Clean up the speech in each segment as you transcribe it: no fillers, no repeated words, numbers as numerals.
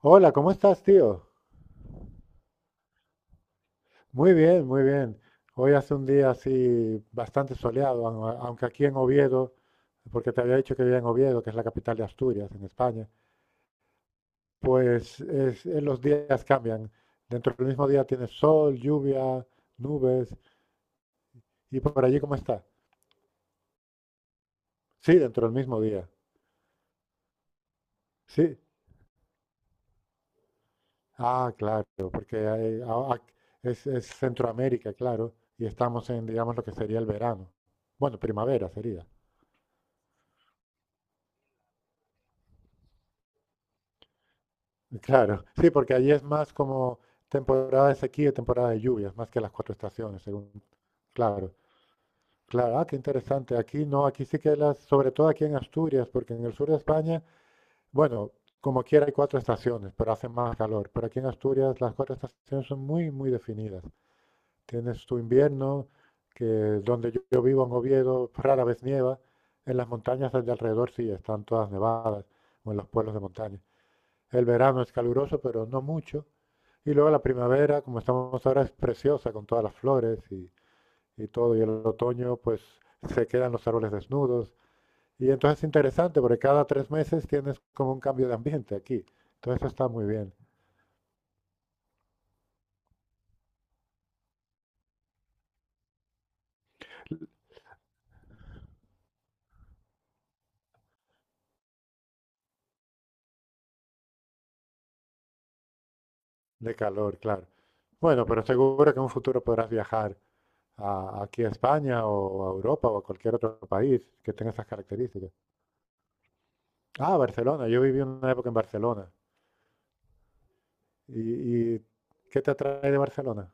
Hola, ¿cómo estás, tío? Muy bien. Hoy hace un día así bastante soleado, aunque aquí en Oviedo, porque te había dicho que vivía en Oviedo, que es la capital de Asturias, en España, pues los días cambian. Dentro del mismo día tienes sol, lluvia, nubes. ¿Y por allí cómo está? Sí, dentro del mismo día. Sí. Ah, claro, porque a- es Centroamérica, claro, y estamos en, digamos, lo que sería el verano. Bueno, primavera sería. Claro, sí, porque allí es más como temporada de sequía y temporada de lluvias, más que las cuatro estaciones, según. Claro, claro, ah, qué interesante. Aquí no, aquí sí que las, sobre todo aquí en Asturias, porque en el sur de España, bueno, como quiera hay cuatro estaciones, pero hace más calor. Pero aquí en Asturias las cuatro estaciones son muy, muy definidas. Tienes tu invierno, que donde yo vivo en Oviedo rara vez nieva, en las montañas de alrededor sí están todas nevadas, o en los pueblos de montaña. El verano es caluroso, pero no mucho. Y luego la primavera, como estamos ahora, es preciosa con todas las flores y todo. Y el otoño, pues se quedan los árboles desnudos. Y entonces es interesante porque cada tres meses tienes como un cambio de ambiente aquí. Entonces está muy bien, de calor, claro. Bueno, pero seguro que en un futuro podrás viajar aquí a España o a Europa o a cualquier otro país que tenga esas características. Ah, Barcelona. Yo viví una época en Barcelona. ¿Y qué te atrae de Barcelona?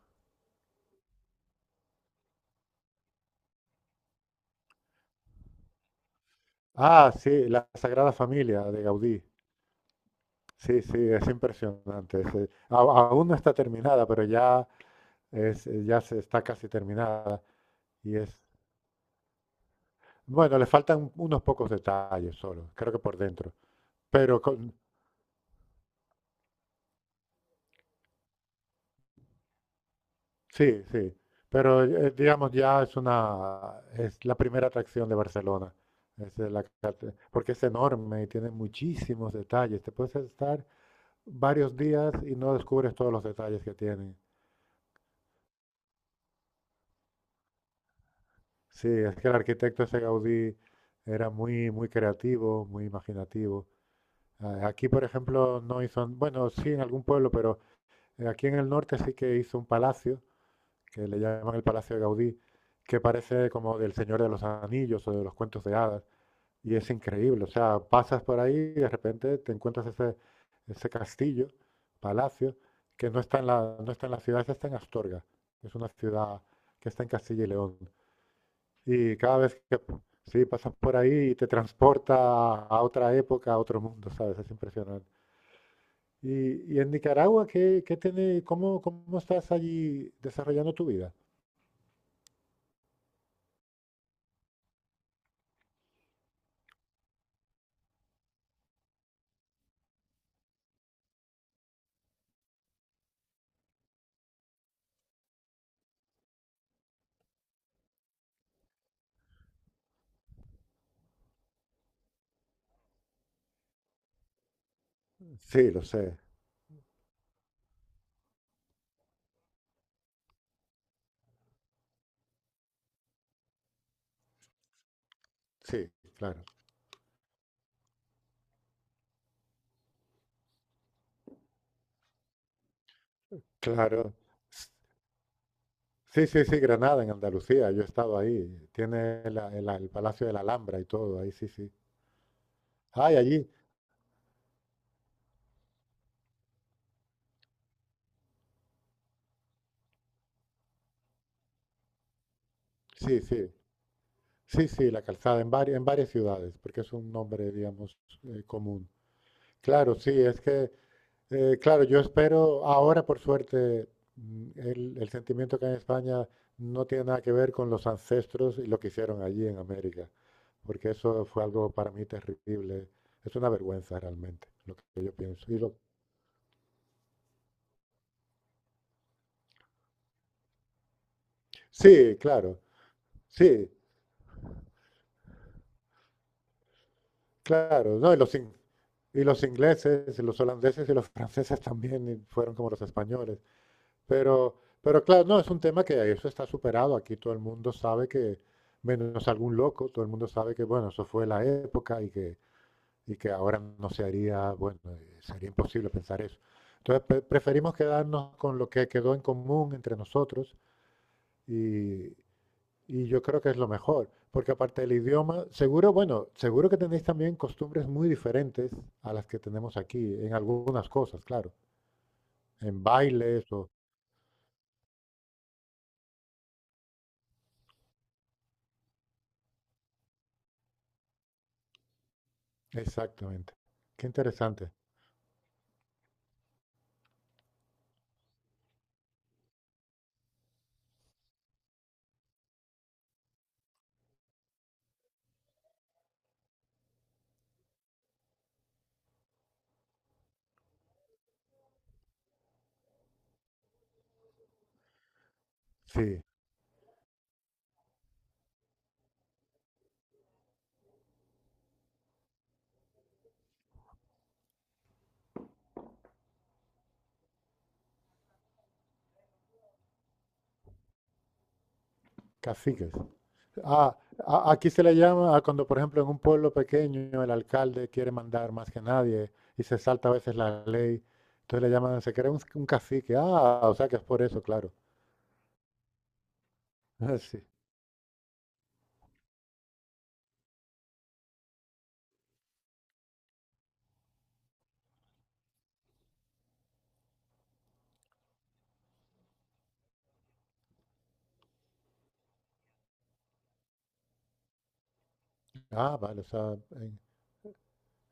Ah, sí, la Sagrada Familia de Gaudí. Sí, sí, es impresionante. Aún no está terminada, pero ya ya se está casi terminada y es, bueno, le faltan unos pocos detalles solo, creo que por dentro. Pero con- sí, sí. Pero digamos ya es la primera atracción de Barcelona. Es de la- Porque es enorme y tiene muchísimos detalles. Te puedes estar varios días y no descubres todos los detalles que tiene. Sí, es que el arquitecto ese Gaudí era muy, muy creativo, muy imaginativo. Ah, aquí, por ejemplo, no hizo, bueno, sí en algún pueblo, pero aquí en el norte sí que hizo un palacio, que le llaman el Palacio de Gaudí, que parece como del Señor de los Anillos o de los cuentos de hadas, y es increíble. O sea, pasas por ahí y de repente te encuentras ese castillo, palacio, que no está en la ciudad, esa está en Astorga, que es una ciudad que está en Castilla y León. Y cada vez que sí, pasas por ahí y te transporta a otra época, a otro mundo, ¿sabes? Es impresionante. Y en Nicaragua, ¿ qué tiene, cómo estás allí desarrollando tu vida? Sí, lo sé. Sí, claro. Claro. S- Sí, sí, sí, Granada, en Andalucía. Yo he estado ahí. Tiene el Palacio de la Alhambra y todo. Ahí sí, sí. Ah, y allí. Sí, sí. Sí, sí, la calzada en varias ciudades, porque es un nombre, digamos, común. Claro, sí, es que eh, claro, yo espero, ahora por suerte, mm, el sentimiento que hay en España no tiene nada que ver con los ancestros y lo que hicieron allí en América, porque eso fue algo para mí terrible. Es una vergüenza realmente, lo que yo pienso. Sí, claro, sí, claro. No, y los ingleses, y los holandeses y los franceses también y fueron como los españoles. Pero, pero claro, no, es un tema que eso está superado. Aquí todo el mundo sabe que, menos algún loco, todo el mundo sabe que, bueno, eso fue la época y que ahora no se haría, bueno, sería imposible pensar eso. Entonces, preferimos quedarnos con lo que quedó en común entre nosotros y, y yo creo que es lo mejor, porque aparte del idioma, seguro, bueno, seguro que tenéis también costumbres muy diferentes a las que tenemos aquí, en algunas cosas, claro, en bailes o... Exactamente. Qué interesante. Sí, caciques. Ah, aquí se le llama a cuando, por ejemplo, en un pueblo pequeño el alcalde quiere mandar más que nadie y se salta a veces la ley. Entonces le llaman, se crea un cacique. Ah, o sea que es por eso, claro. Ah, sí. Ah, vale, o sea, en-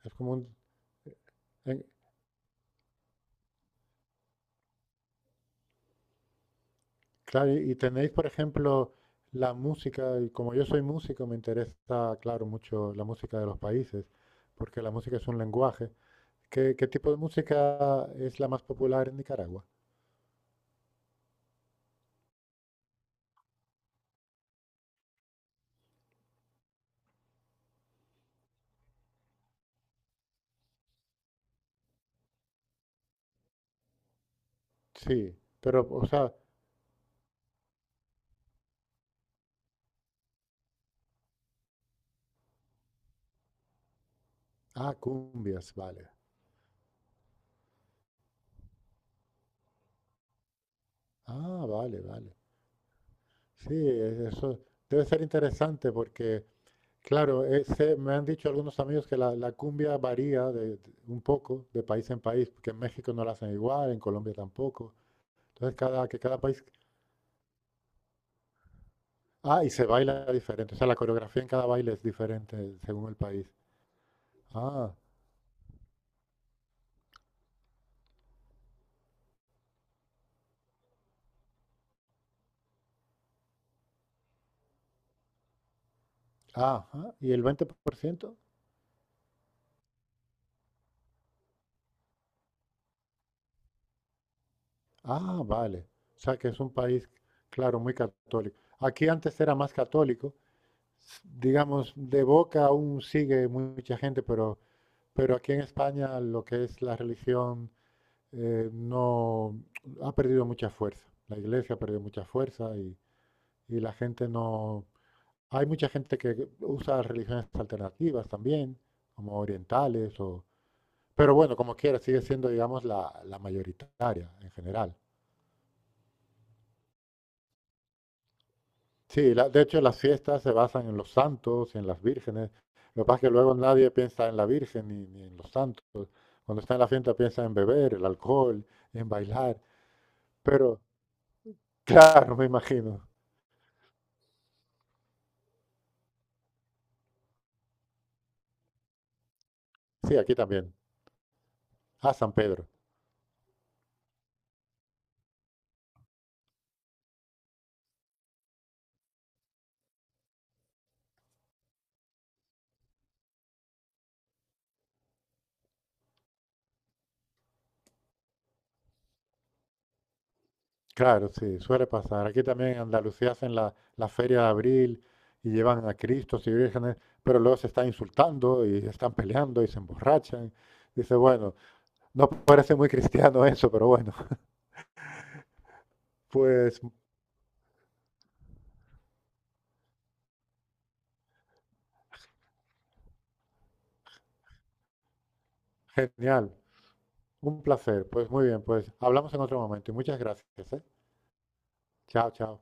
es como un... en- claro, y tenéis, por ejemplo, la música, y como yo soy músico, me interesa, claro, mucho la música de los países, porque la música es un lenguaje. ¿ qué tipo de música es la más popular en Nicaragua? Sí, pero, o sea, ah, cumbias, vale. Ah, vale. Sí, eso debe ser interesante porque, claro, me han dicho algunos amigos que la cumbia varía un poco de país en país, porque en México no la hacen igual, en Colombia tampoco. Entonces, que cada país... Ah, y se baila diferente, o sea, la coreografía en cada baile es diferente según el país. Ah, ajá, ¿y el 20%? Ah, vale. O sea, que es un país, claro, muy católico. Aquí antes era más católico, digamos, de boca aún sigue mucha gente, pero aquí en España lo que es la religión no ha perdido mucha fuerza. La iglesia ha perdido mucha fuerza y la gente no... Hay mucha gente que usa religiones alternativas también, como orientales o... Pero bueno, como quiera, sigue siendo, digamos, la mayoritaria en general. Sí, la- de hecho las fiestas se basan en los santos y en las vírgenes. Lo que pasa es que luego nadie piensa en la Virgen ni en los santos. Cuando está en la fiesta piensa en beber, el alcohol, en bailar. Pero, claro, me imagino. Sí, aquí también. Ah, San Pedro. Claro, sí, suele pasar. Aquí también en Andalucía hacen la feria de abril y llevan a Cristos y vírgenes, pero luego se están insultando y están peleando y se emborrachan. Dice, bueno, no parece muy cristiano eso, pero bueno, pues genial, un placer, pues muy bien, pues hablamos en otro momento y muchas gracias, ¿eh? Chao, chao.